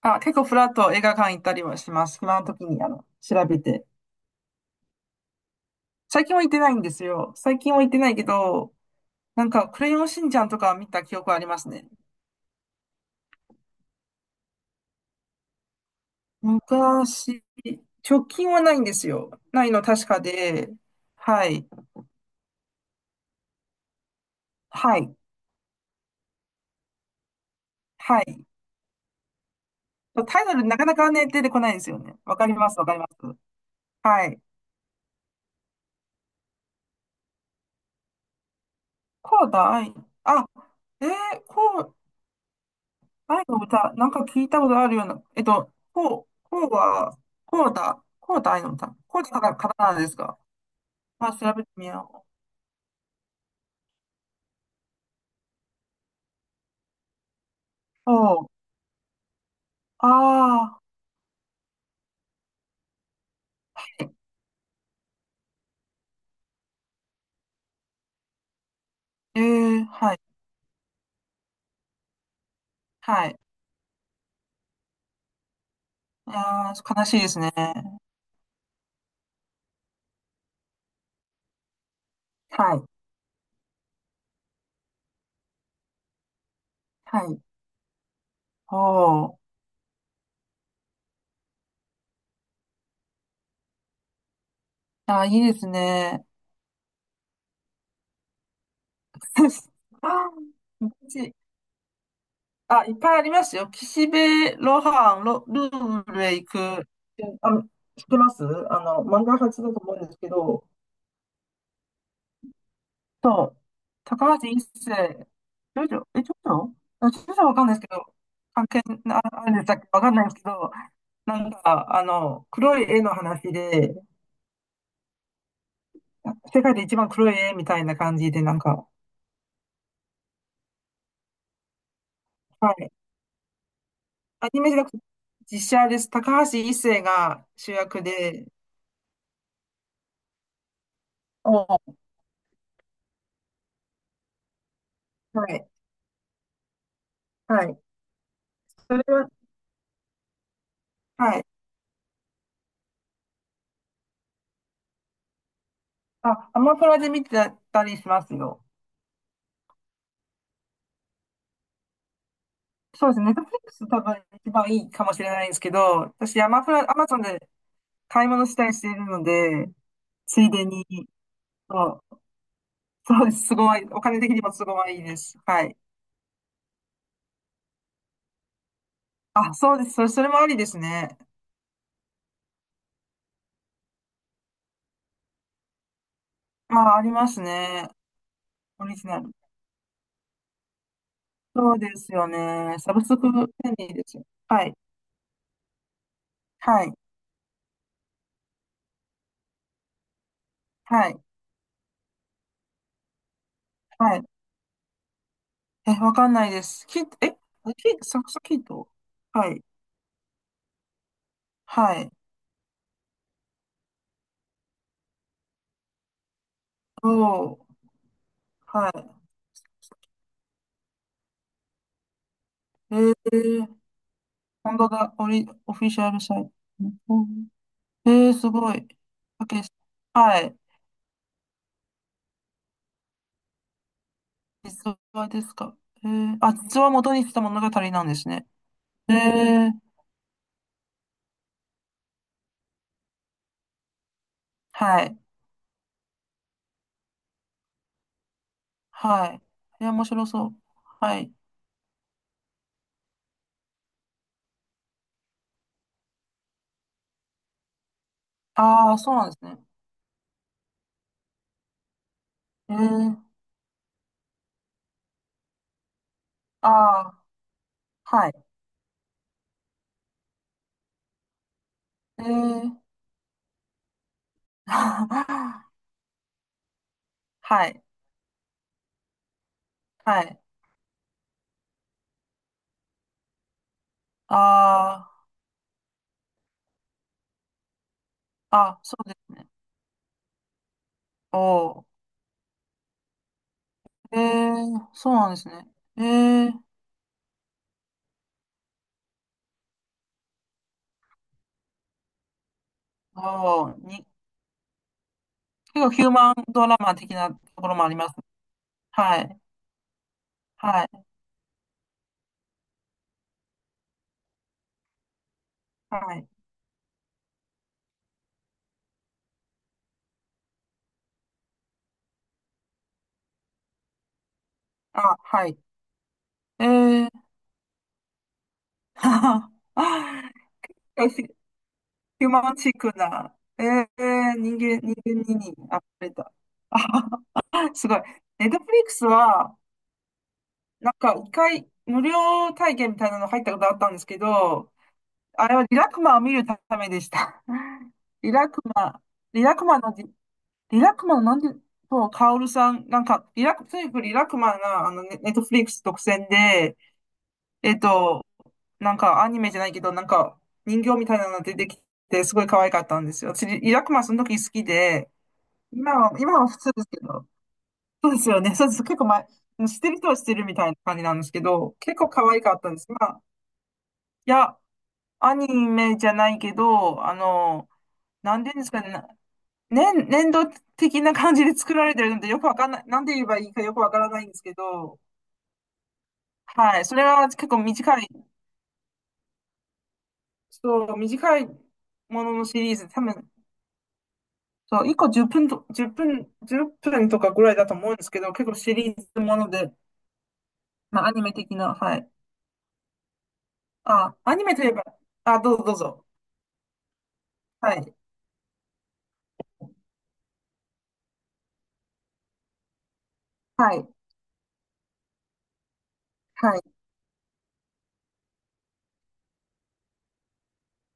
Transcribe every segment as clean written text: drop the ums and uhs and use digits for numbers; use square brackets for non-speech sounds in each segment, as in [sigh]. あ、結構フラッと映画館行ったりはします。暇の時に、調べて。最近は行ってないんですよ。最近は行ってないけど、なんか、クレヨンしんちゃんとかは見た記憶はありますね。昔、直近はないんですよ。ないの確かで、はい、はい、はい。タイトルなかなかね、出てこないんですよね。わかります、わかります。はい。こうだい。あ、えー、こう、タイの歌、なんか聞いたことあるような、えっと、こう、こうは、こうだ、愛の歌。こうだからカタカナですか？まあ、調べてみよう。おう、ああ、ええ、ーはい、はい。ああ、悲しいですね。はい、はい。おう、ああ、いいですね。[laughs] あー、私、あ、いっぱいありますよ。岸辺露伴、ルーブルへ行く。あ、知ってます。漫画発だと思うんですけど、そう。高橋一生、長女、え、長女あ、長女はわかんないですけど、関係なあるんでしたっけ、わかんないですけど、なんか、黒い絵の話で、世界で一番黒い絵みたいな感じで、なんか、はい。アニメじゃなくて、実写です。高橋一生が主役で、おー、はい。はい。それは、はい。あ、アマプラで見てたりしますよ。そうですね。ネットフリックス多分一番いいかもしれないんですけど、私、アマゾンで買い物したりしているので、ついでに、そう、そうです。すごい。お金的にもすごいいいです。はい。あ、そうです。それもありですね。まあ、ありますね。オリジナル。そうですよね。サブスク便利ですよ。はい。はい。はい。はい。え、わかんないです。キッ、え、キッ、サクサキット、はい。はい。おー。はい。えー、本当だ。オリ、オフィシャルサイト。うん、えー、すごい。オッケーです。はい。実話ですか？えー、あ、実話を元にした物語なんですね。えー、はい。はい。えー、面白そう。はい。ああ、そうなんですね。えー、ああ、はい。えー、[laughs] はい。はい。ああ、あ、そうですね。おー。えー、そうなんですね。えー、おおに、結構ヒューマンドラマ的なところもあります。はい。はい。はい。あ、はい。えー、[laughs] え、ヒューマンチックな。えー、人間、人間に溢れた。[laughs] あはは、すごい。ネットフリックスは、なんか一回無料体験みたいなの入ったことあったんですけど、あれはリラクマを見るためでした。[laughs] リラクマ、リラクマのデリラクマのなんで、そう、カオルさん、なんか、リラク、とにかくリラクマが、ネットフリックス独占で、えっと、なんかアニメじゃないけど、なんか人形みたいなの出てきて、すごい可愛かったんですよ。私、リラクマその時好きで、今は普通ですけど、そうですよね。[laughs] そうです。結構前、知ってる人は知ってるみたいな感じなんですけど、結構可愛かったんです。まあ、いや、アニメじゃないけど、なんてうんですかね、な年、年度的な感じで作られてるので、よくわかんない、なんて言えばいいかよくわからないんですけど、はい、それは結構短い、そう、短いもののシリーズ、多分そう、1個10分と、1分、1分とかぐらいだと思うんですけど、結構シリーズもので、まあ、アニメ的な、はい。あ、アニメといえば、あ、どうぞどうぞ。はい。はい。はい。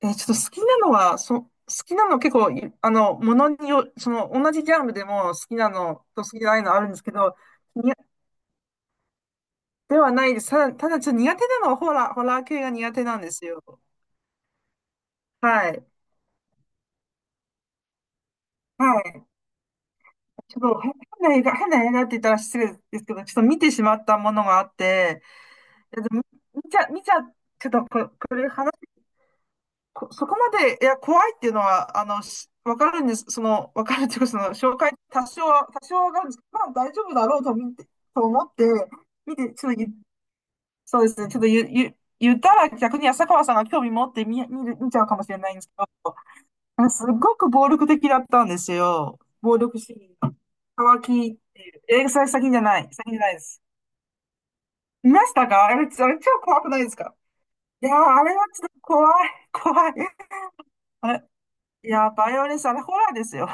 えーちょっと好きなのは、好きなの結構い、ものによ、その、同じジャンルでも好きなのと好きじゃないのあるんですけど、に、ではないです。ただちょっと苦手なのはホラー、ホラー系が苦手なんですよ。はい。はい。ちょっと変な映画、変な映画って言ったら失礼ですけど、ちょっと見てしまったものがあって、やでも見ちゃってこれ、これ話、こそこまで、いや、怖いっていうのは、しわかるんです。その、わかるっていうか、その、紹介、多少はわかるんですけど、まあ、大丈夫だろうと見て、と思って、見て、ちょっと言、そうですね、ちょっと言、言、言ったら逆に浅川さんが興味持って見ちゃうかもしれないんですけど、なんかすごく暴力的だったんですよ。暴力シーン。乾きっていう。え、それ先じゃない。先じゃないです。見ましたか？あれ、あれ超怖くないですか？いやー、あれはちょっと怖い、怖い。あれ、いやー、バイオレンス、あれホラーですよ。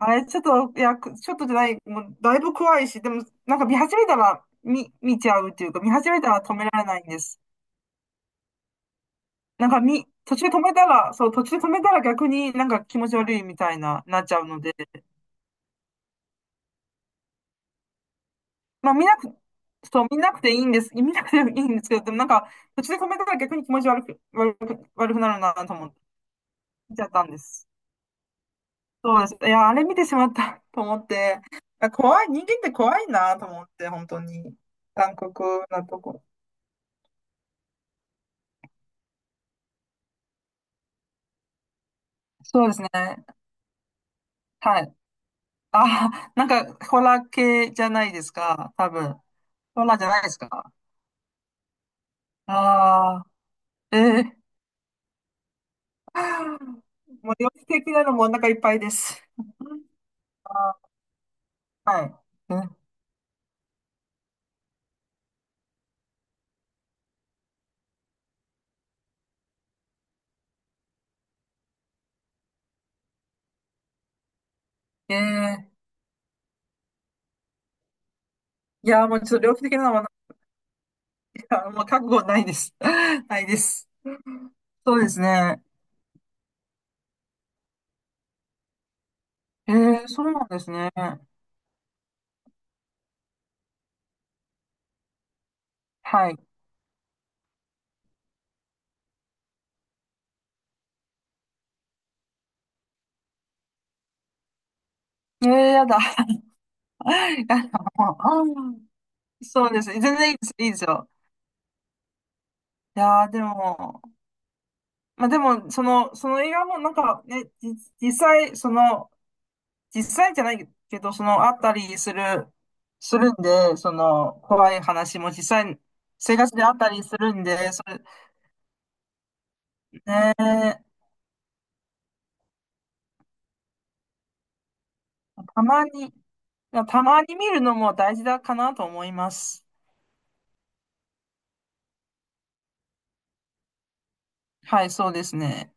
あれ、ちょっとじゃない、もう、だいぶ怖いし、でも、なんか見始めたら、見ちゃうっていうか、見始めたら止められないんです。なんか、途中で止めたら、途中で止めたら逆になんか気持ち悪いみたいな、なっちゃうので、まあ、見なく、そう、見なくていいんです。見なくていいんですけど、でもなんか、途中で止めたら逆に気持ち悪く、悪く、悪くなるなと思って、見ちゃったんです。そうなんです。いや、あれ見てしまった [laughs] と思って、あ怖い、人間って怖いなと思って、本当に。残酷なとこ。そうですね。はい。あ、なんか、ホラー系じゃないですか、多分。ホラーじゃないですか。ああ、ええ、 [laughs] もう、猟奇的なのもお腹いっぱいです。[laughs] あー、はい。うん、ええ、いや、もうちょっと猟奇的なのはなんから、もう覚悟ないです。[laughs] ないです。そうですね。ええ、そうなんですね。はい。えー、やだ。[laughs] やだ、もう。そうです。全然いいです。いいですよ。いやー、でも、まあでも、その、その映画もなんかね、じ実際、その、実際じゃないけど、その、あったりする、するんで、その、怖い話も実際、生活であったりするんで、それ、ねー、たまに、たまに見るのも大事だかなと思います。はい、そうですね。